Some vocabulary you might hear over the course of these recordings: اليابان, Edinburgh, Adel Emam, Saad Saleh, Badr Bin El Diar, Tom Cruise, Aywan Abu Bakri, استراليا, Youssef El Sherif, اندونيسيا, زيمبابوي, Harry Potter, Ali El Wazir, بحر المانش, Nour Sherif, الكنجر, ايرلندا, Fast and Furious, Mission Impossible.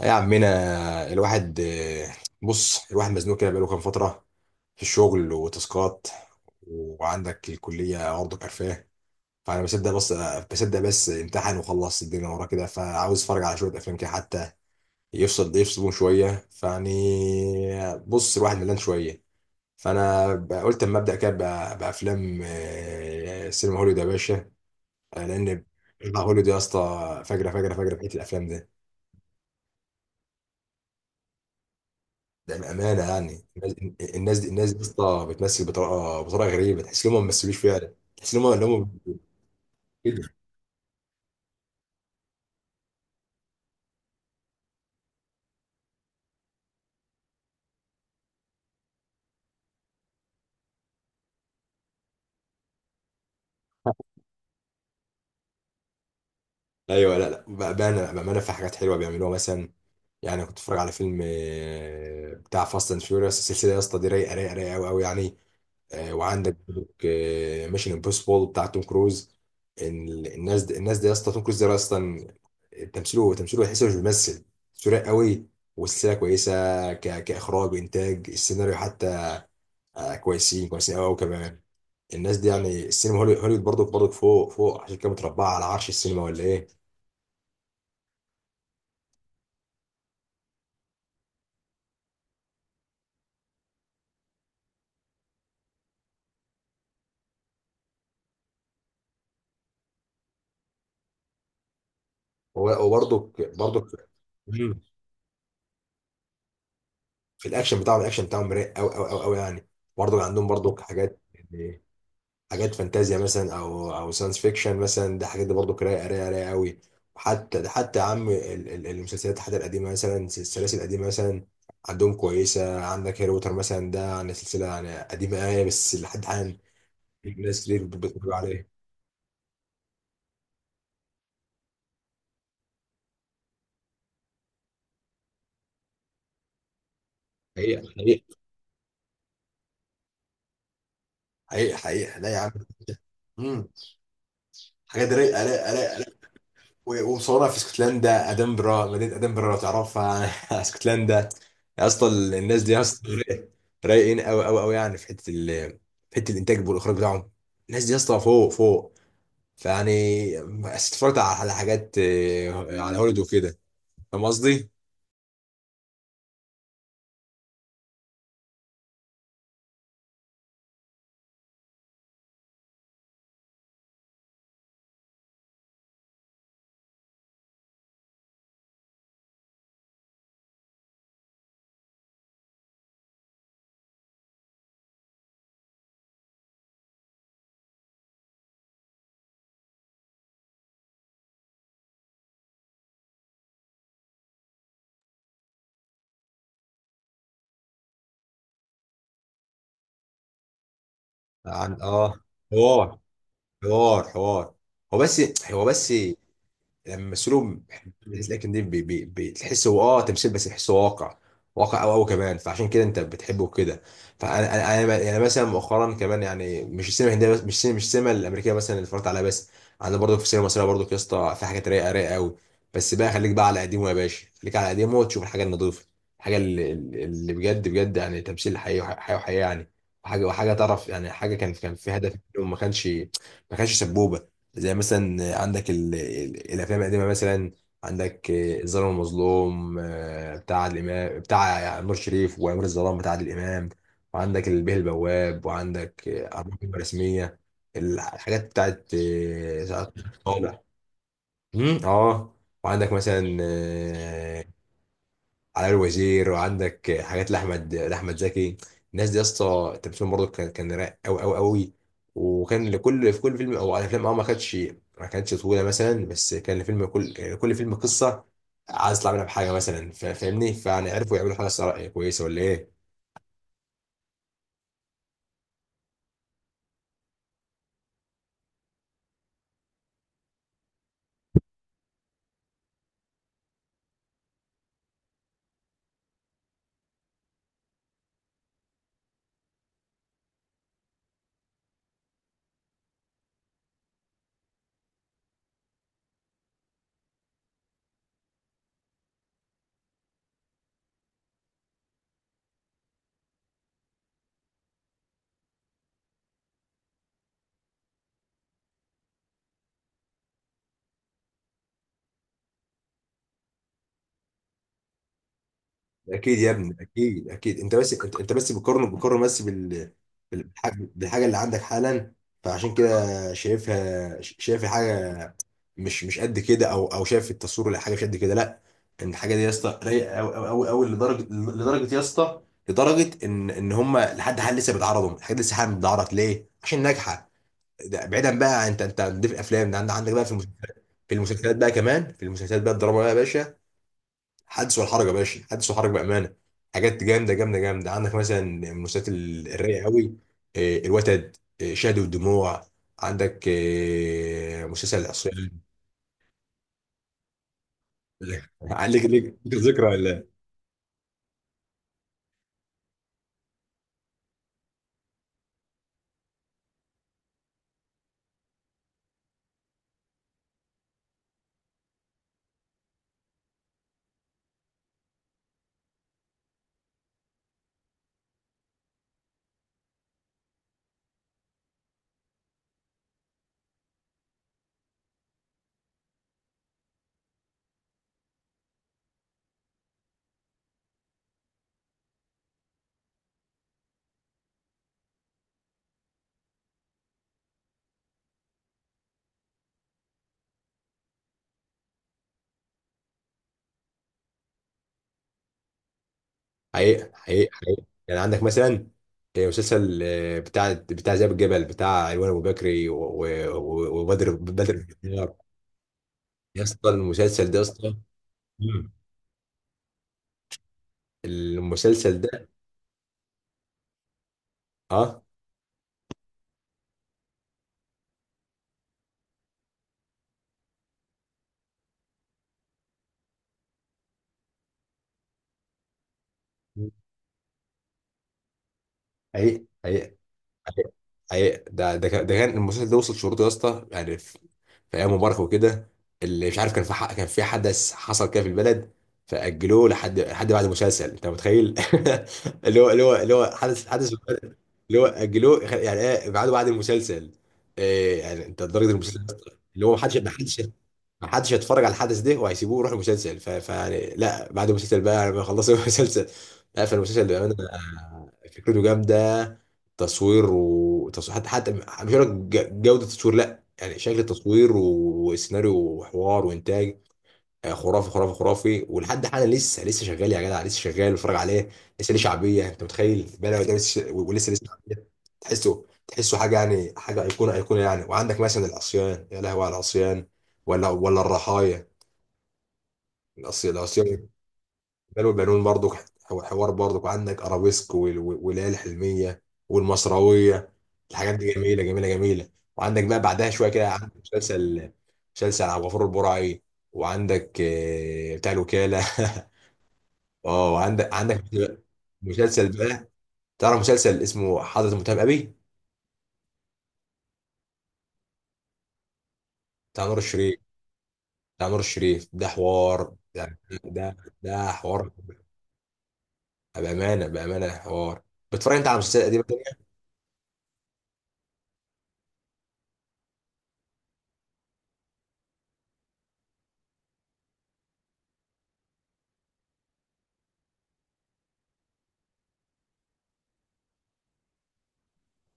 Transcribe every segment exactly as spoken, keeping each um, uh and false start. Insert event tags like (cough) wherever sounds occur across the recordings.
يا عمنا الواحد، آه، بص الواحد مزنوق كده بقاله كام فترة في الشغل وتاسكات، وعندك الكلية برضه كرفاه. فأنا بصدق بس بصدق بس امتحن وخلص الدنيا وراه كده، فعاوز أتفرج على شوية أفلام كده حتى يفصل يفصلون شوية. فيعني بص الواحد ملان شوية، فأنا بقى- قلت أما أبدأ كده بقى- بأفلام. آه، سينما هوليوود يا باشا، آه، لأن بتاع هوليوود يا اسطى فجرة فجرة فجرة في حتة الأفلام ده. ده بامانه يعني الناس الناس دي الناس دي يا اسطى بتمثل بطريقه بطريقه غريبه، تحس ان هم ما بيمثلوش فعلا، تحس ان هم اللي هم كده. ايوه، لا لا بامانه بامانه في حاجات حلوه بيعملوها. مثلا يعني كنت بتفرج على فيلم، آه، بتاع فاست اند فيوريوس. السلسله يا اسطى دي رايقه رايقه رايقه قوي قوي يعني. آه، وعندك ميشن امبوسيبل بتاع توم كروز. ال- الناس دي الناس دي يا اسطى، توم كروز ده اصلا تمثيله تمثيله تحسه مش بيمثل، سريع قوي، والسلسله كويسه. ك... كاخراج وانتاج، السيناريو حتى، آه، كويسين كويسين قوي قوي كمان. الناس دي يعني السينما هولي- هوليوود برضك برضك فوق فوق، عشان كده متربعه على عرش السينما ولا ايه؟ وبرضك برضك. مم. في الاكشن بتاعهم الاكشن بتاعهم رايق قوي قوي قوي قوي يعني. برضه عندهم برضه حاجات يعني، حاجات فانتازيا مثلا او او ساينس فيكشن مثلا، ده حاجات دي برضه رايقه رايقه رايقه قوي. وحتى ده حتى يا عم ال- ال- المسلسلات، حتى القديمه مثلا، السلاسل القديمه مثلا عندهم كويسه. عندك هاري بوتر مثلا، ده يعني سلسله يعني قديمه قوي، بس لحد الان ناس كتير بتتفرج عليها. حقيقة حقيقة حقيقة حقيقة، لا يا عم. مم. حاجات رايقة رايقة رايقة، ومصورها في اسكتلندا ادنبرا مدينه ادنبرا لو تعرفها. (laughs) اسكتلندا يا اسطى، الناس دي يا اسطى (laughs) رايق- رايقين قوي قوي قوي يعني في حته ال... في حته الانتاج والاخراج بتاعهم. الناس دي يا اسطى فوق فوق، فيعني بس اتفرجت على على حاجات، آه، على هوليوود وكده. فاهم قصدي؟ عن اه حوار حوار حوار. هو بس هو بس لما يمثلوا، لكن دي بي بي بتحس هو اه تمثيل، بس تحسه واقع، واقع قوي قوي كمان، فعشان كده انت بتحبه كده. فانا انا انا يعني مثلا مؤخرا كمان، يعني مش السينما الهنديه بس، مش السينما مش السينما الامريكيه مثلا اللي اتفرجت عليها بس، عندنا برضه في السينما المصريه، برضه يا اسطى في حاجات رايقه رايقه قوي. بس بقى خليك بقى على قديمه يا باشا، خليك على قديمه وتشوف الحاجه النظيفه، الحاجه اللي, اللي بجد بجد، يعني تمثيل حقيقي حقيقي وحقيقي يعني، وحاجه وحاجه تعرف يعني، حاجه كان كان في هدف، ما كانش ما كانش سبوبه. زي مثلا عندك ال... ال- الافلام القديمه مثلا، عندك آه، الظالم والمظلوم، آه، بتاع عادل امام، بتاع نور شريف، وامير الظلام بتاع عادل امام، وعندك البيه البواب، وعندك آه، اربعه كلمه رسميه. الحاجات بتاعت آه، سعاد صالح. مم، اه. وعندك مثلا آه، علي الوزير، وعندك حاجات لاحمد لاحمد زكي. الناس دي يا اسطى تمثيلهم برضه كان كان رايق قوي قوي قوي، وكان لكل في كل فيلم او على افلام، اه ما كانتش ما كانتش طويله مثلا، بس كان الفيلم كل كان كل فيلم قصه عايز يطلع منها بحاجه مثلا. فا- فاهمني؟ فيعني عرفوا يعملوا حاجه صراحة كويسه ولا ايه؟ اكيد يا ابني اكيد اكيد. انت بس انت, انت بس بتقارن بتقارن بس بال بالح- بالحاجه اللي عندك حالا، فعشان كده شايفها شايف الحاجه مش مش قد كده، او او شايف التصوير ولا حاجه مش قد كده. لا، ان الحاجه دي يا اسطى رايقه قوي قوي قوي قوي، لدرجه لدرجه يا اسطى، لدرجه ان ان هم لحد حال لسه بيتعرضوا، الحاجات دي لسه حالا بتتعرض ليه؟ عشان ناجحه. ده بعيدا بقى، انت انت دي في الافلام، ده عند- عندك بقى في المسلسلات، في المسلسلات بقى كمان، في المسلسلات بقى الدراما بقى يا باشا، حدث والحرج يا باشا، حدث والحرج بامانه. حاجات جامده جامده جامده. عندك مثلا من المسلسلات ال- الرايقه قوي، الوتد، آه، شهد والدموع، عندك آه، مسلسل العصيان. (laughs) عندك ليك ليك ذكرى ولا. حقيقة حقيقة حقيقة يعني. عندك مثلا آه، مسلسل آه، بتاع بتاع ذئاب الجبل بتاع ايوان ابو بكري، و- و- و- وبدر بدر بن الديار. يا اسطى المسلسل ده يا اسطى. مم. المسلسل ده، اه حقيقي. أي- ده ده كان ده كان المسلسل ده وصل شروطه يا اسطى، يعني في, في ايام مبارك وكده. اللي مش عارف، كان في حق كان في حدث حصل كده في البلد، فاجلوه لحد لحد بعد المسلسل، انت متخيل؟ (laughs) اللي هو اللي هو اللي هو حدث حدث في البلد، اللي هو اجلوه، يعني ايه، بعده بعد المسلسل؟ إيه يعني؟ انت لدرجه المسلسل ده، اللي هو ما حدش ما حدش ما حدش هيتفرج على الحدث ده وهيسيبوه ويروح المسلسل؟ ف... فيعني لا، بعد المسلسل بقى لما يخلصوا (laughs) المسلسل. لا فالمسلسل بأمانة، آه، فكرته جامدة، تصوير، وتصوير حتى حتى مش هقول لك ج- جودة التصوير لا، يعني شكل التصوير و- وسيناريو وحوار وإنتاج، آه، خرافي خرافي خرافي. ولحد حالا لسه لسه شغال يا جدع، لسه شغال بتفرج عليه، لسه ليه شعبيه، انت متخيل؟ بلا ده لسه ولسه ليه شعبيه. تحسه تحسه حاجه يعني، حاجه ايقونه ايقونه يعني. وعندك مثلا العصيان، يا لهوي على العصيان، ولا ولا الرحايا، العصيان العصيان. بلو البنون برضو، حو- حوار برضو. وعندك ارابيسك، وال- وال- والليالي الحلميه، والمصراويه، الحاجات دي جميله جميله جميله. وعندك بقى بعدها شويه كده، عندك مسلسل مسلسل عبد الغفور البرعي، وعندك آه، بتاع الوكاله. (laughs) اه، عندك عندك مسلسل بقى، تعرف مسلسل اسمه حضرة المتهم أبي؟ بتاع نور الشريف. بتاع نور الشريف ده حوار، ده ده ده حوار، بأمانة بأمانة حوار. بتتفرج أنت على مسلسلات قديمة تانية؟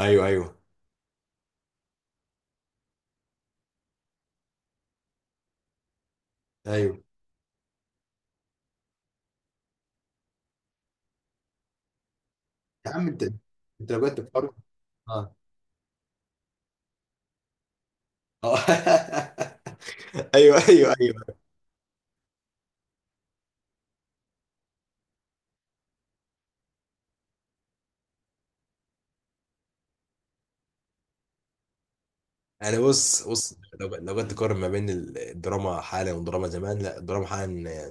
أيوه أيوه أيوه، يا عم أنت أنت لو بجد بتتفرج. اه، آه. (laughs) ايوه ايوه ايوه. انا بص بص، لو لو جيت تقارن ما بين الدراما حالا والدراما زمان، لا الدراما حالا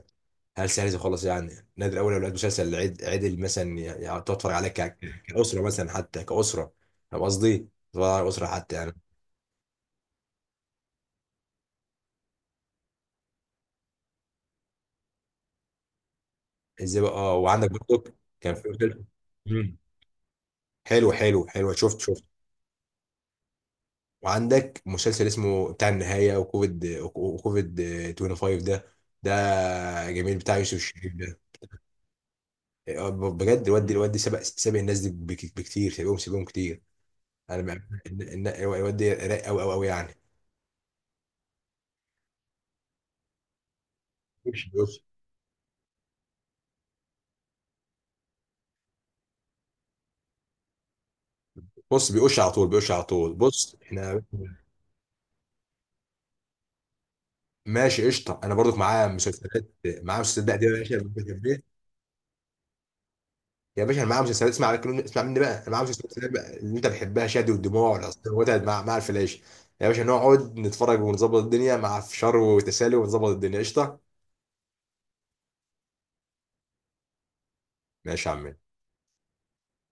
هل عايز يخلص يعني؟ النادي الاول لو لقيت مسلسل عد- عدل مثلا، ي- يعني تقعد تتفرج عليه ك- كاسره مثلا، حتى كاسره. فاهم قصدي؟ تتفرج على الاسره حتى يعني. ازاي بقى؟ اه، وعندك برضك كان في مسلسل. مم. حلو حلو حلو، شفت شفت، وعندك مسلسل اسمه بتاع النهايه، وكوفيد وكوفيد خمسة وعشرين ده، ده جميل بتاع يوسف الشريف ده. اه بجد الواد الواد سابق سابق الناس دي بك- بكتير، سابقهم سابقهم كتير. انا بقى- الن- الن- الواد ده رايق قوي قوي قوي يعني. بص بيقش على طول، بيقش على طول. بص احنا، ماشي قشطه، انا برضك معايا مسلسلات معايا مسلسلات بقى دي يا باشا اللي انت بتحبها. يا باشا انا معايا مسلسلات، اسمع مني، اسمع مني بقى، انا معايا مسلسلات بقى اللي انت بتحبها: شادي والدموع، والعصير، والوتد مع مع الفلاش. يا باشا نقعد نتفرج ونظبط الدنيا مع فشار وتسالي، ونظبط الدنيا. قشطه ماشي يا عم.